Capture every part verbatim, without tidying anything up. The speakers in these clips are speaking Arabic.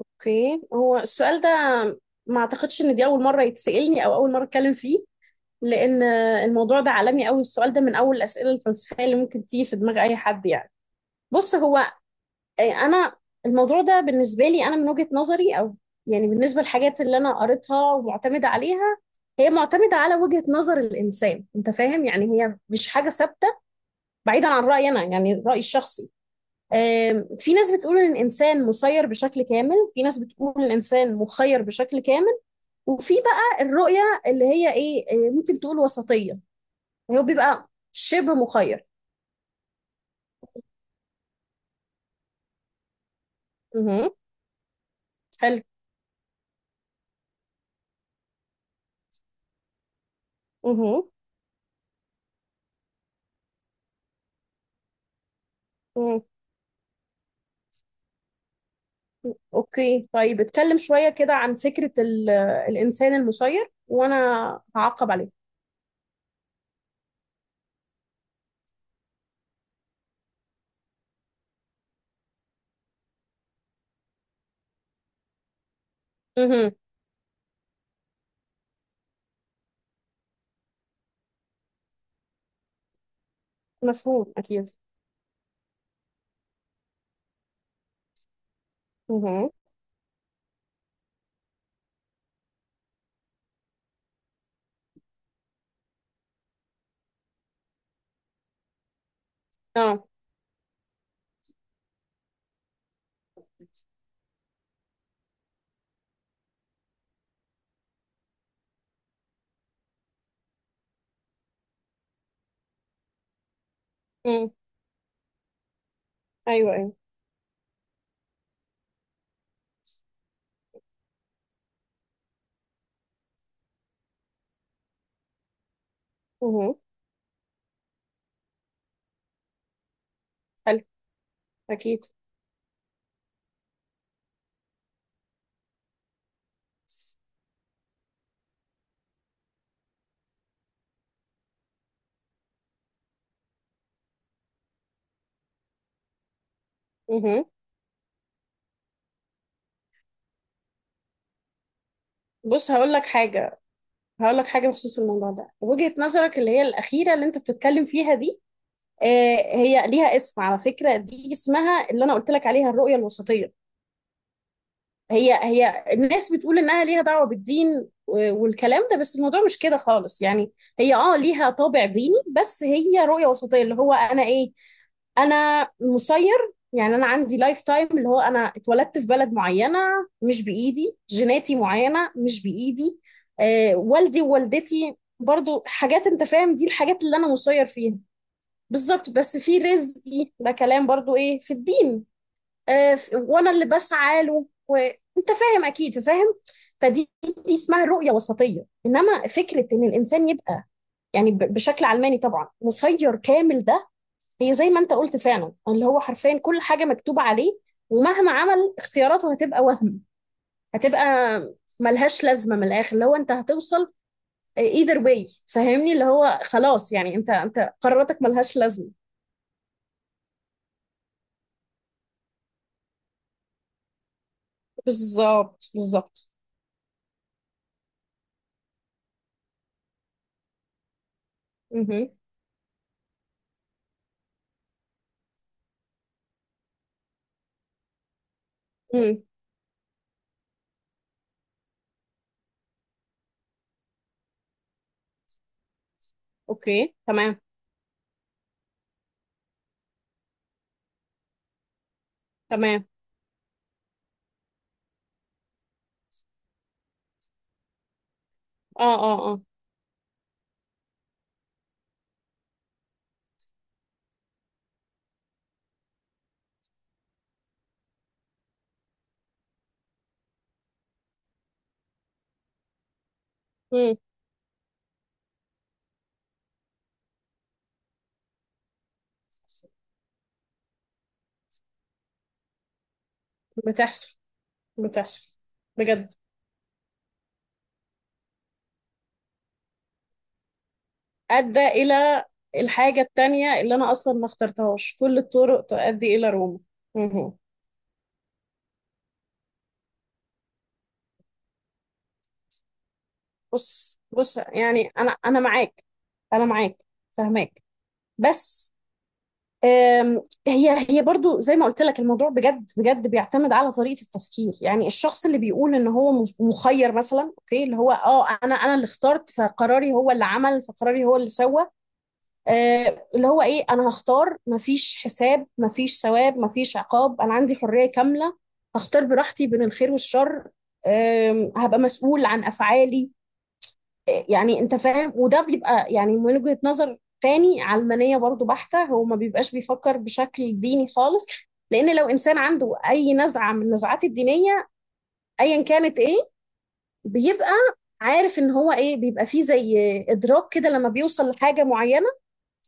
اوكي، هو السؤال ده. ما اعتقدش ان دي اول مره يتسالني او اول مره اتكلم فيه، لان الموضوع ده عالمي قوي. السؤال ده من اول الاسئله الفلسفيه اللي ممكن تيجي في دماغ اي حد يعني. بص، هو آه، انا الموضوع ده بالنسبه لي انا، من وجهه نظري، او يعني بالنسبه للحاجات اللي انا قريتها ومعتمده عليها، هي معتمده على وجهه نظر الانسان. انت فاهم؟ يعني هي مش حاجه ثابته. بعيدا عن رايي انا، يعني رايي الشخصي، آم، في ناس بتقول ان الانسان مسير بشكل كامل، في ناس بتقول ان الانسان مخير بشكل كامل. وفي بقى الرؤية اللي هي ايه، آه، ممكن تقول وسطية. هو بيبقى شبه مخير. اها. حلو. اها. أمم. اوكي، طيب اتكلم شوية كده عن فكرة ال- الانسان المسير، وانا هعقب عليه. اها. مفهوم اكيد. اها. اه. أمم. ايوه ايوه. اها. حلو. اكيد. اها. بص، هقول لك حاجة هقول لك حاجة بخصوص الموضوع ده. وجهة نظرك اللي هي الأخيرة اللي أنت بتتكلم فيها دي، آه، هي ليها اسم على فكرة. دي اسمها، اللي أنا قلت لك عليها، الرؤية الوسطية. هي هي الناس بتقول إنها ليها دعوة بالدين و- والكلام ده، بس الموضوع مش كده خالص يعني. هي اه ليها طابع ديني، بس هي رؤية وسطية. اللي هو أنا إيه، انا مسير، يعني انا عندي لايف تايم. اللي هو انا اتولدت في بلد معينه، مش بايدي. جيناتي معينه، مش بايدي. آه والدي ووالدتي، برضو حاجات. انت فاهم؟ دي الحاجات اللي انا مسير فيها. بالظبط. بس في رزقي، ده كلام برضو ايه في الدين. آه ف- وانا اللي بسعى له. وانت فاهم، اكيد فاهم. فدي، دي اسمها رؤيه وسطيه. انما فكره ان الانسان يبقى يعني ب- بشكل علماني طبعا مسير كامل، ده هي زي ما انت قلت فعلا. اللي هو حرفيا كل حاجة مكتوبة عليه، ومهما عمل اختياراته هتبقى وهم. هتبقى ملهاش لازمة. من الآخر اللي هو انت هتوصل either way. فاهمني؟ اللي هو خلاص، يعني انت انت قراراتك ملهاش لازمة. بالظبط بالظبط. امم امم. اوكي تمام تمام. اه اه اه. امم. بتحصل. بتحصل بجد. أدى إلى الحاجة التانية اللي أنا أصلا ما اخترتهاش. كل الطرق تؤدي إلى روما. مهم. بص بص، يعني انا انا معاك. انا معاك، فهماك. بس آم، هي هي برضو زي ما قلت لك، الموضوع بجد بجد بيعتمد على طريقة التفكير. يعني الشخص اللي بيقول ان هو مس- مخير مثلا، اوكي، اللي هو اه انا انا اللي اخترت فقراري، هو اللي عمل فقراري، هو اللي سوى. آه، اللي هو ايه، انا هختار. مفيش حساب، مفيش ثواب، مفيش عقاب. انا عندي حرية كاملة، هختار براحتي بين الخير والشر. آم، هبقى مسؤول عن افعالي. يعني انت فاهم. وده بيبقى يعني من وجهة نظر تاني علمانية برضو بحتة. هو ما بيبقاش بيفكر بشكل ديني خالص. لان لو انسان عنده اي نزعة من النزعات الدينية، ايا كانت ايه، بيبقى عارف ان هو ايه، بيبقى فيه زي ادراك كده لما بيوصل لحاجة معينة.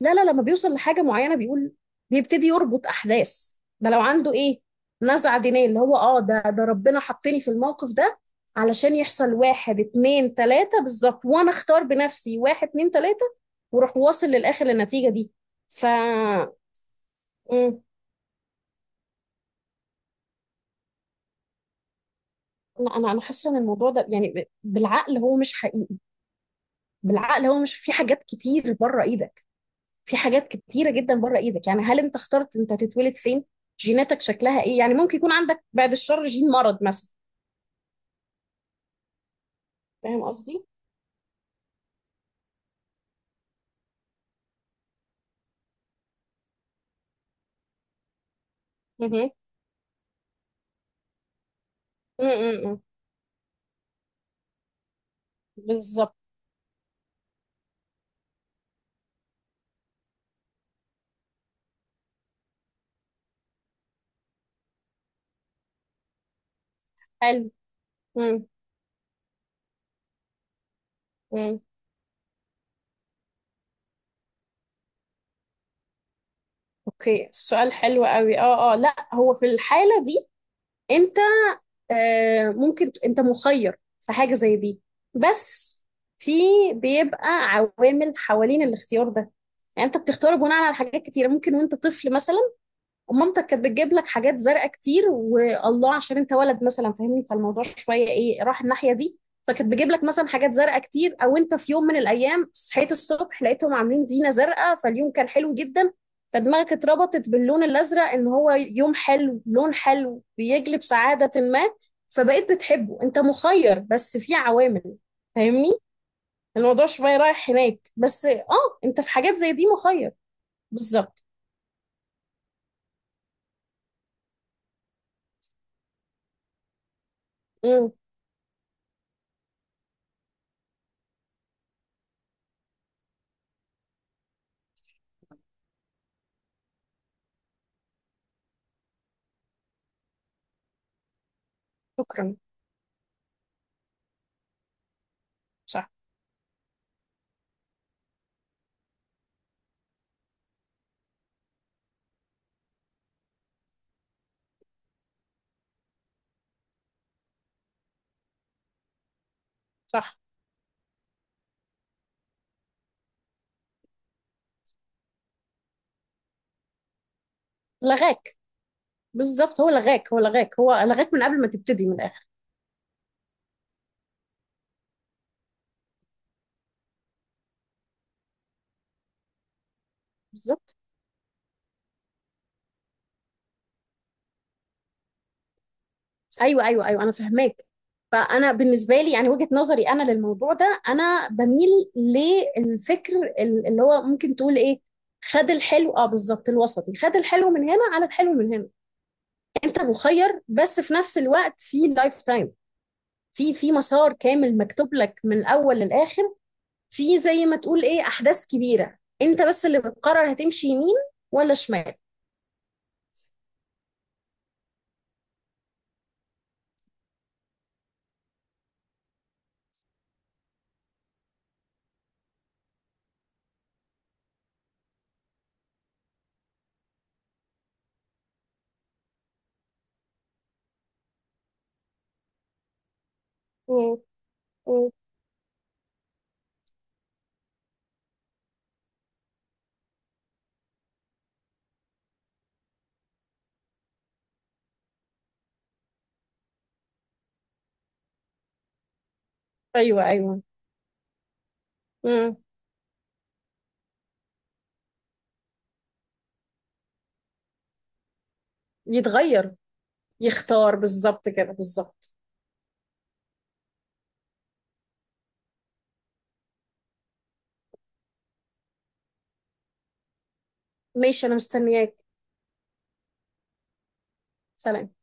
لا لا، لما بيوصل لحاجة معينة بيقول، بيبتدي يربط أحداث. ده لو عنده إيه نزعة دينية اللي هو آه، ده ده ربنا حطني في الموقف ده علشان يحصل واحد اتنين تلاتة بالظبط، وأنا أختار بنفسي واحد اتنين تلاتة، وأروح واصل للآخر، للنتيجة دي. ف مم. لا، أنا أنا حاسة إن الموضوع ده يعني ب- بالعقل هو مش حقيقي. بالعقل هو مش، في حاجات كتير بره إيدك. في حاجات كتيرة جدا بره ايدك. يعني هل انت اخترت انت تتولد فين؟ جيناتك شكلها ايه؟ يعني ممكن يكون عندك بعد الشر جين مرض مثلا. فاهم قصدي؟ مهم. مم، مم، مم. بالظبط. حلو. مم، مم. اوكي، السؤال حلو قوي. اه اه. لا، هو في الحالة دي انت آه ممكن ت- انت مخير في حاجة زي دي. بس في، بيبقى عوامل حوالين الاختيار ده. يعني انت بتختار بناء على حاجات كتيرة. ممكن وانت طفل مثلا ومامتك كانت بتجيب لك حاجات زرقاء كتير، والله عشان انت ولد مثلا. فاهمني؟ فالموضوع شويه ايه، راح الناحيه دي. فكانت بتجيب لك مثلا حاجات زرقاء كتير، او انت في يوم من الايام صحيت الصبح لقيتهم عاملين زينه زرقاء، فاليوم كان حلو جدا. فدماغك اتربطت باللون الازرق ان هو يوم حلو، لون حلو بيجلب سعاده ما. فبقيت بتحبه. انت مخير، بس في عوامل. فاهمني؟ الموضوع شويه رايح هناك. بس اه، انت في حاجات زي دي مخير. بالظبط. امم. شكرا. صح. صح. لغاك. بالظبط، هو لغاك، هو لغاك، هو لغاك من قبل ما تبتدي. من الاخر بالظبط. ايوه ايوه ايوه، انا فهماك. فانا بالنسبه لي، يعني وجهه نظري انا للموضوع ده، انا بميل للفكر ال- اللي هو ممكن تقول ايه، خد الحلو. اه بالظبط، الوسطي. خد الحلو من هنا على الحلو من هنا. انت مخير، بس في نفس الوقت في لايف تايم. في في مسار كامل مكتوب لك من الاول للاخر. في زي ما تقول ايه، احداث كبيره انت بس اللي بتقرر هتمشي يمين ولا شمال. مم. ايوه ايوه. امم. يتغير. يختار بالظبط كده، بالظبط. ماشي، انا مستنياك. سلام.